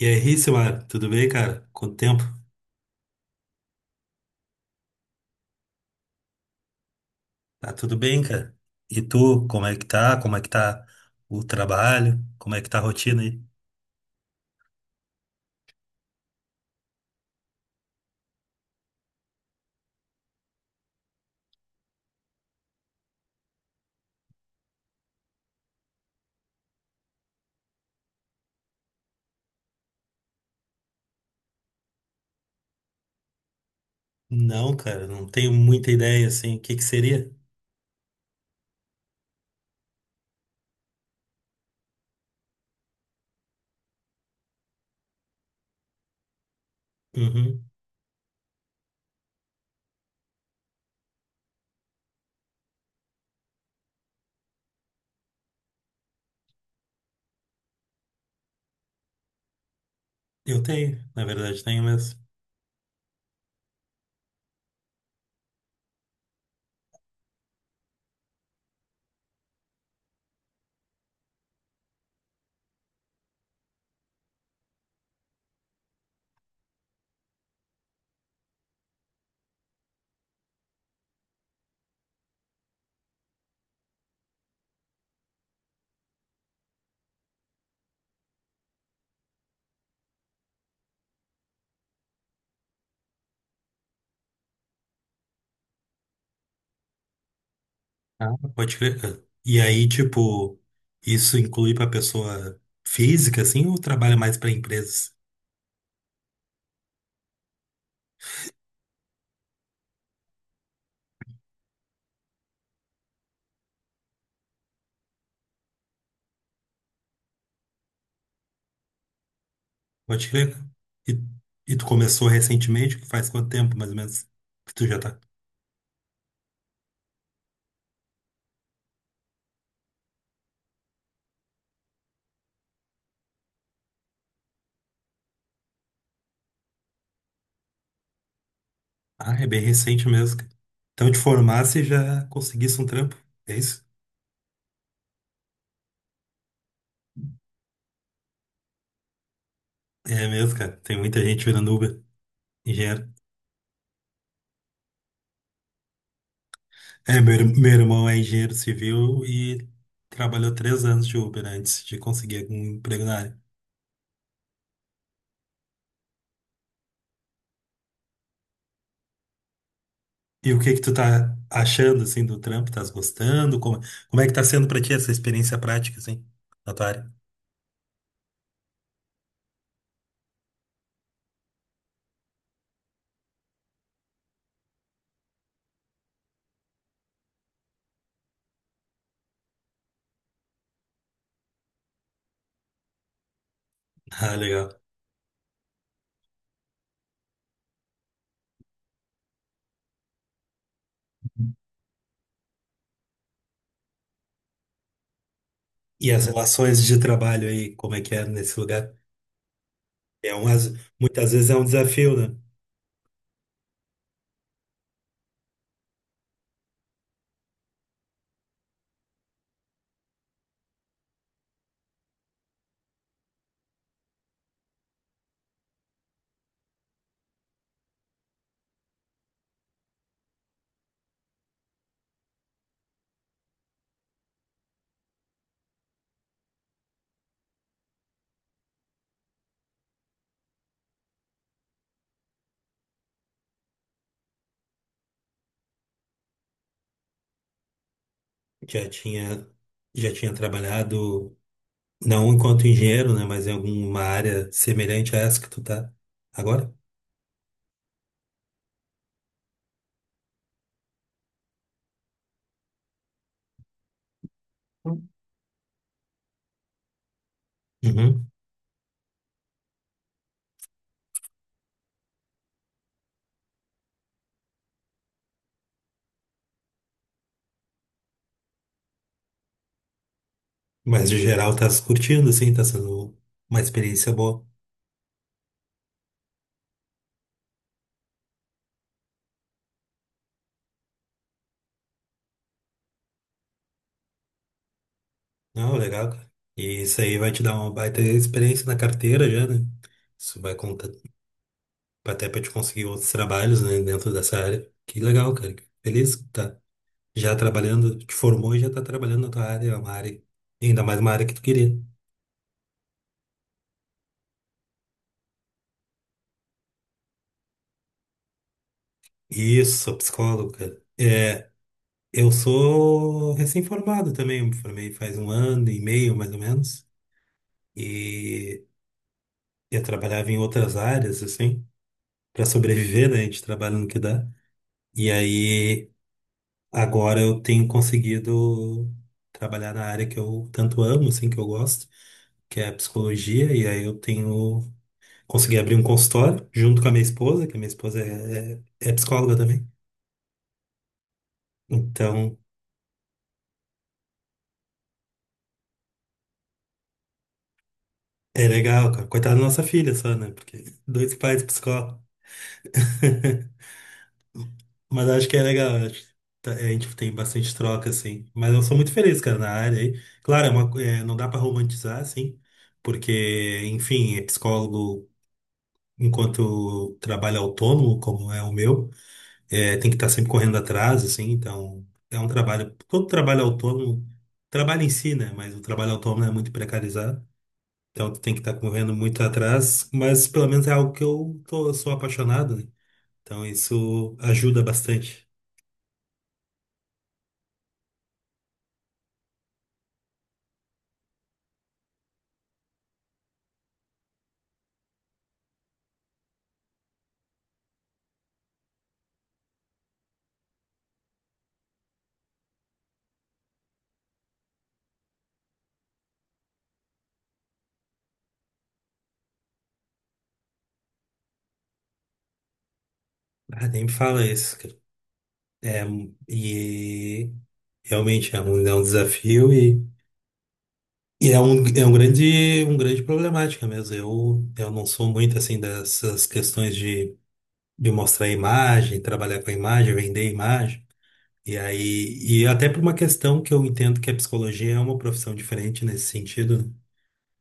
E aí, Simar, tudo bem, cara? Quanto tempo? Tá tudo bem, cara? E tu, como é que tá? Como é que tá o trabalho? Como é que tá a rotina aí? Não, cara, não tenho muita ideia, assim, o que que seria? Uhum. Eu tenho, na verdade, tenho mesmo. Ah, pode crer, cara. E aí, tipo, isso inclui pra pessoa física, assim, ou trabalha mais pra empresas? Pode crer, cara. E, e tu começou recentemente? Faz quanto tempo, mais ou menos, que tu já tá? Ah, é bem recente mesmo, cara. Então te formasse e já conseguisse um trampo. É isso? É mesmo, cara. Tem muita gente virando Uber, engenheiro. É, meu, meu irmão é engenheiro civil e trabalhou três anos de Uber antes de conseguir algum emprego na área. E o que que tu tá achando, assim, do trampo? Tás gostando? Como, como é que tá sendo pra ti essa experiência prática, assim, na tua área? Ah, legal. E as relações de trabalho aí, como é que é nesse lugar? É um, muitas vezes é um desafio, né? Já tinha, já tinha trabalhado, não enquanto engenheiro, né? Mas em alguma área semelhante a essa que tu tá agora. Uhum. Mas de geral tá se curtindo, assim, tá sendo uma experiência boa. Não, legal, cara. E isso aí vai te dar uma baita experiência na carteira já, né? Isso vai contar até pra te conseguir outros trabalhos, né, dentro dessa área. Que legal, cara. Feliz que tá já trabalhando, te formou e já tá trabalhando na tua área, é uma área, ainda mais uma área que tu queria. Isso, sou psicólogo, cara. Eu sou recém-formado também, eu me formei faz um ano e meio, mais ou menos, e eu trabalhava em outras áreas, assim, para sobreviver, né? A gente trabalha no que dá. E aí, agora eu tenho conseguido trabalhar na área que eu tanto amo, assim, que eu gosto, que é a psicologia, e aí eu tenho consegui abrir um consultório junto com a minha esposa, que a minha esposa é psicóloga também. Então, é legal, cara. Coitada da nossa filha só, né? Porque dois pais psicólogos. Mas acho que é legal. Eu acho. A gente tem bastante troca, assim. Mas eu sou muito feliz, cara, na área aí. Claro, não dá pra romantizar, assim. Porque, enfim, é psicólogo enquanto trabalho autônomo, como é o meu, tem que estar sempre correndo atrás, assim. Então, é um trabalho. Todo trabalho autônomo, trabalho em si, né? Mas o trabalho autônomo é muito precarizado. Então tu tem que estar correndo muito atrás, mas pelo menos é algo que eu tô, sou apaixonado, né? Então isso ajuda bastante. Ah, nem me fala isso, cara. E realmente é um desafio e é um grande problemática mesmo. Eu não sou muito assim dessas questões de mostrar imagem, trabalhar com a imagem, vender imagem. E aí, e até por uma questão que eu entendo que a psicologia é uma profissão diferente nesse sentido, né?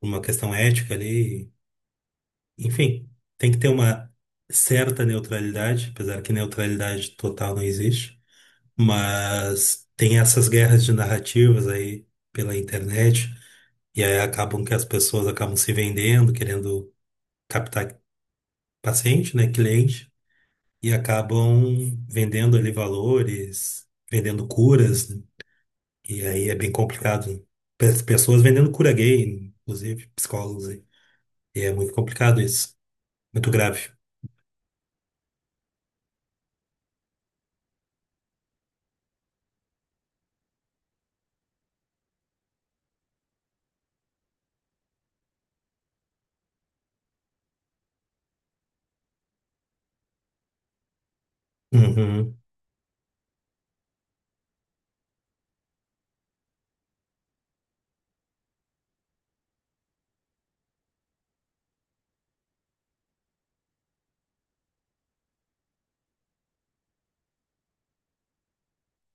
Uma questão ética ali. Enfim, tem que ter uma certa neutralidade, apesar que neutralidade total não existe, mas tem essas guerras de narrativas aí pela internet, e aí acabam que as pessoas acabam se vendendo, querendo captar paciente, né, cliente, e acabam vendendo ali valores, vendendo curas, né? E aí é bem complicado. Pessoas vendendo cura gay, inclusive psicólogos aí. E é muito complicado isso, muito grave. Uhum.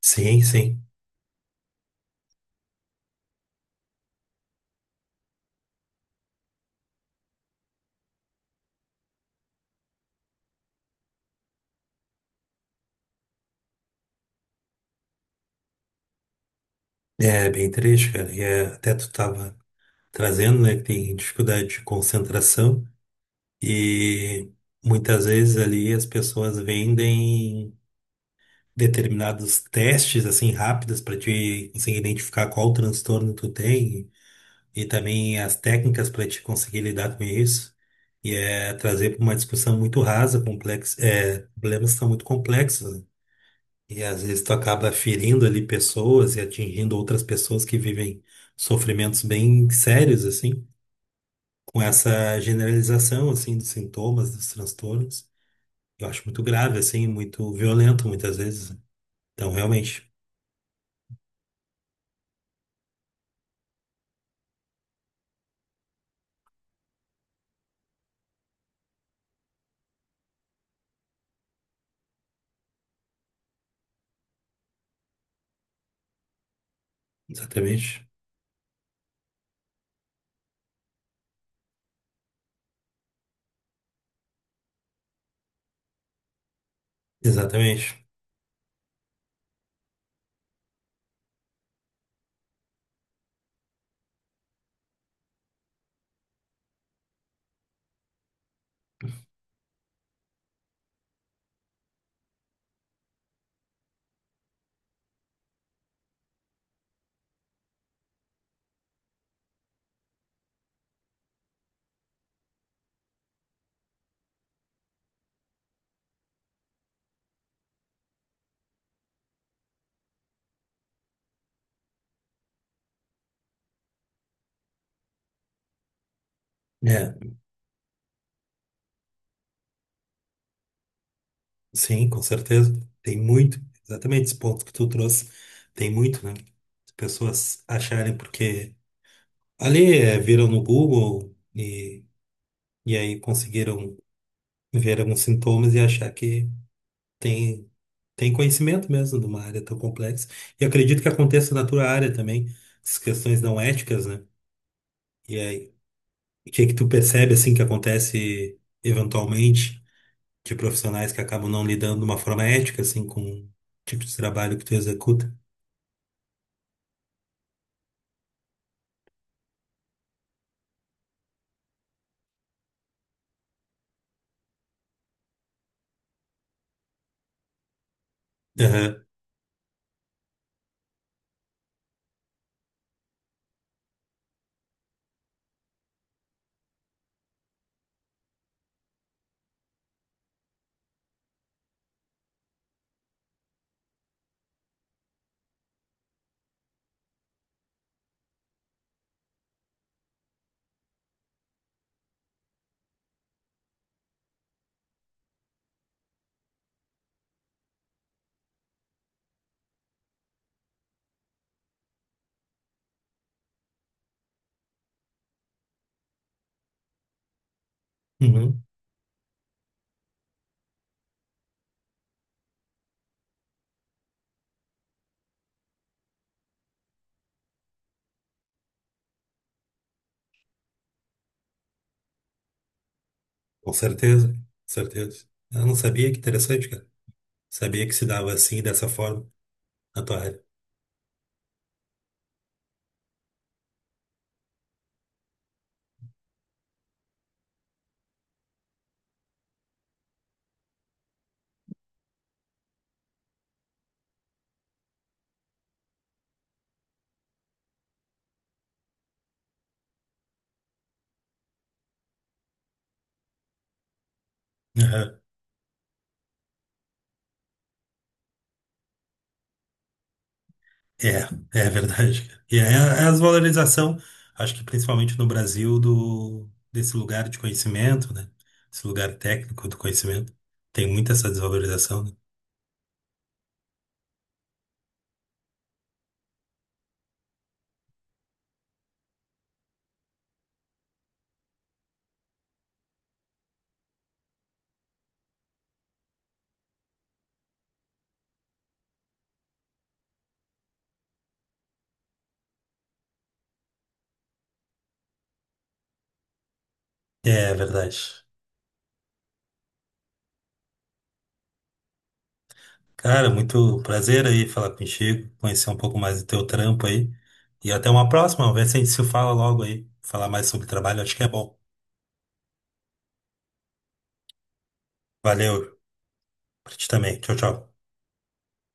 Sim, sim. É bem triste, cara. E é, até tu tava trazendo, né, que tem dificuldade de concentração e muitas vezes ali as pessoas vendem determinados testes assim rápidos para te conseguir identificar qual transtorno tu tem e também as técnicas para te conseguir lidar com isso. E é trazer para uma discussão muito rasa, complexa, é, problemas que são muito complexos, né? E às vezes tu acaba ferindo ali pessoas e atingindo outras pessoas que vivem sofrimentos bem sérios, assim, com essa generalização, assim, dos sintomas, dos transtornos. Eu acho muito grave, assim, muito violento muitas vezes. Então, realmente, exatamente, exatamente. É, sim, com certeza. Tem muito, exatamente esse ponto que tu trouxe, tem muito, né? As pessoas acharem porque ali é, viram no Google e aí conseguiram ver alguns sintomas e achar que tem, tem conhecimento mesmo de uma área tão complexa. E acredito que aconteça na tua área também, essas questões não éticas, né? E aí, o que é que tu percebe assim que acontece eventualmente de profissionais que acabam não lidando de uma forma ética assim com o tipo de trabalho que tu executa? Aham. Uhum. Com certeza, com certeza. Eu não sabia que interessante, cara. Sabia que se dava assim, dessa forma, na tua área. Aham. É, é verdade, cara. E é é a desvalorização, acho que principalmente no Brasil, do, desse lugar de conhecimento, né? Esse lugar técnico do conhecimento. Tem muita essa desvalorização, né? É verdade. Cara, muito prazer aí falar contigo, conhecer um pouco mais do teu trampo aí. E até uma próxima, vê se a gente se fala logo aí. Falar mais sobre trabalho, acho que é bom. Valeu, pra ti também. Tchau, tchau.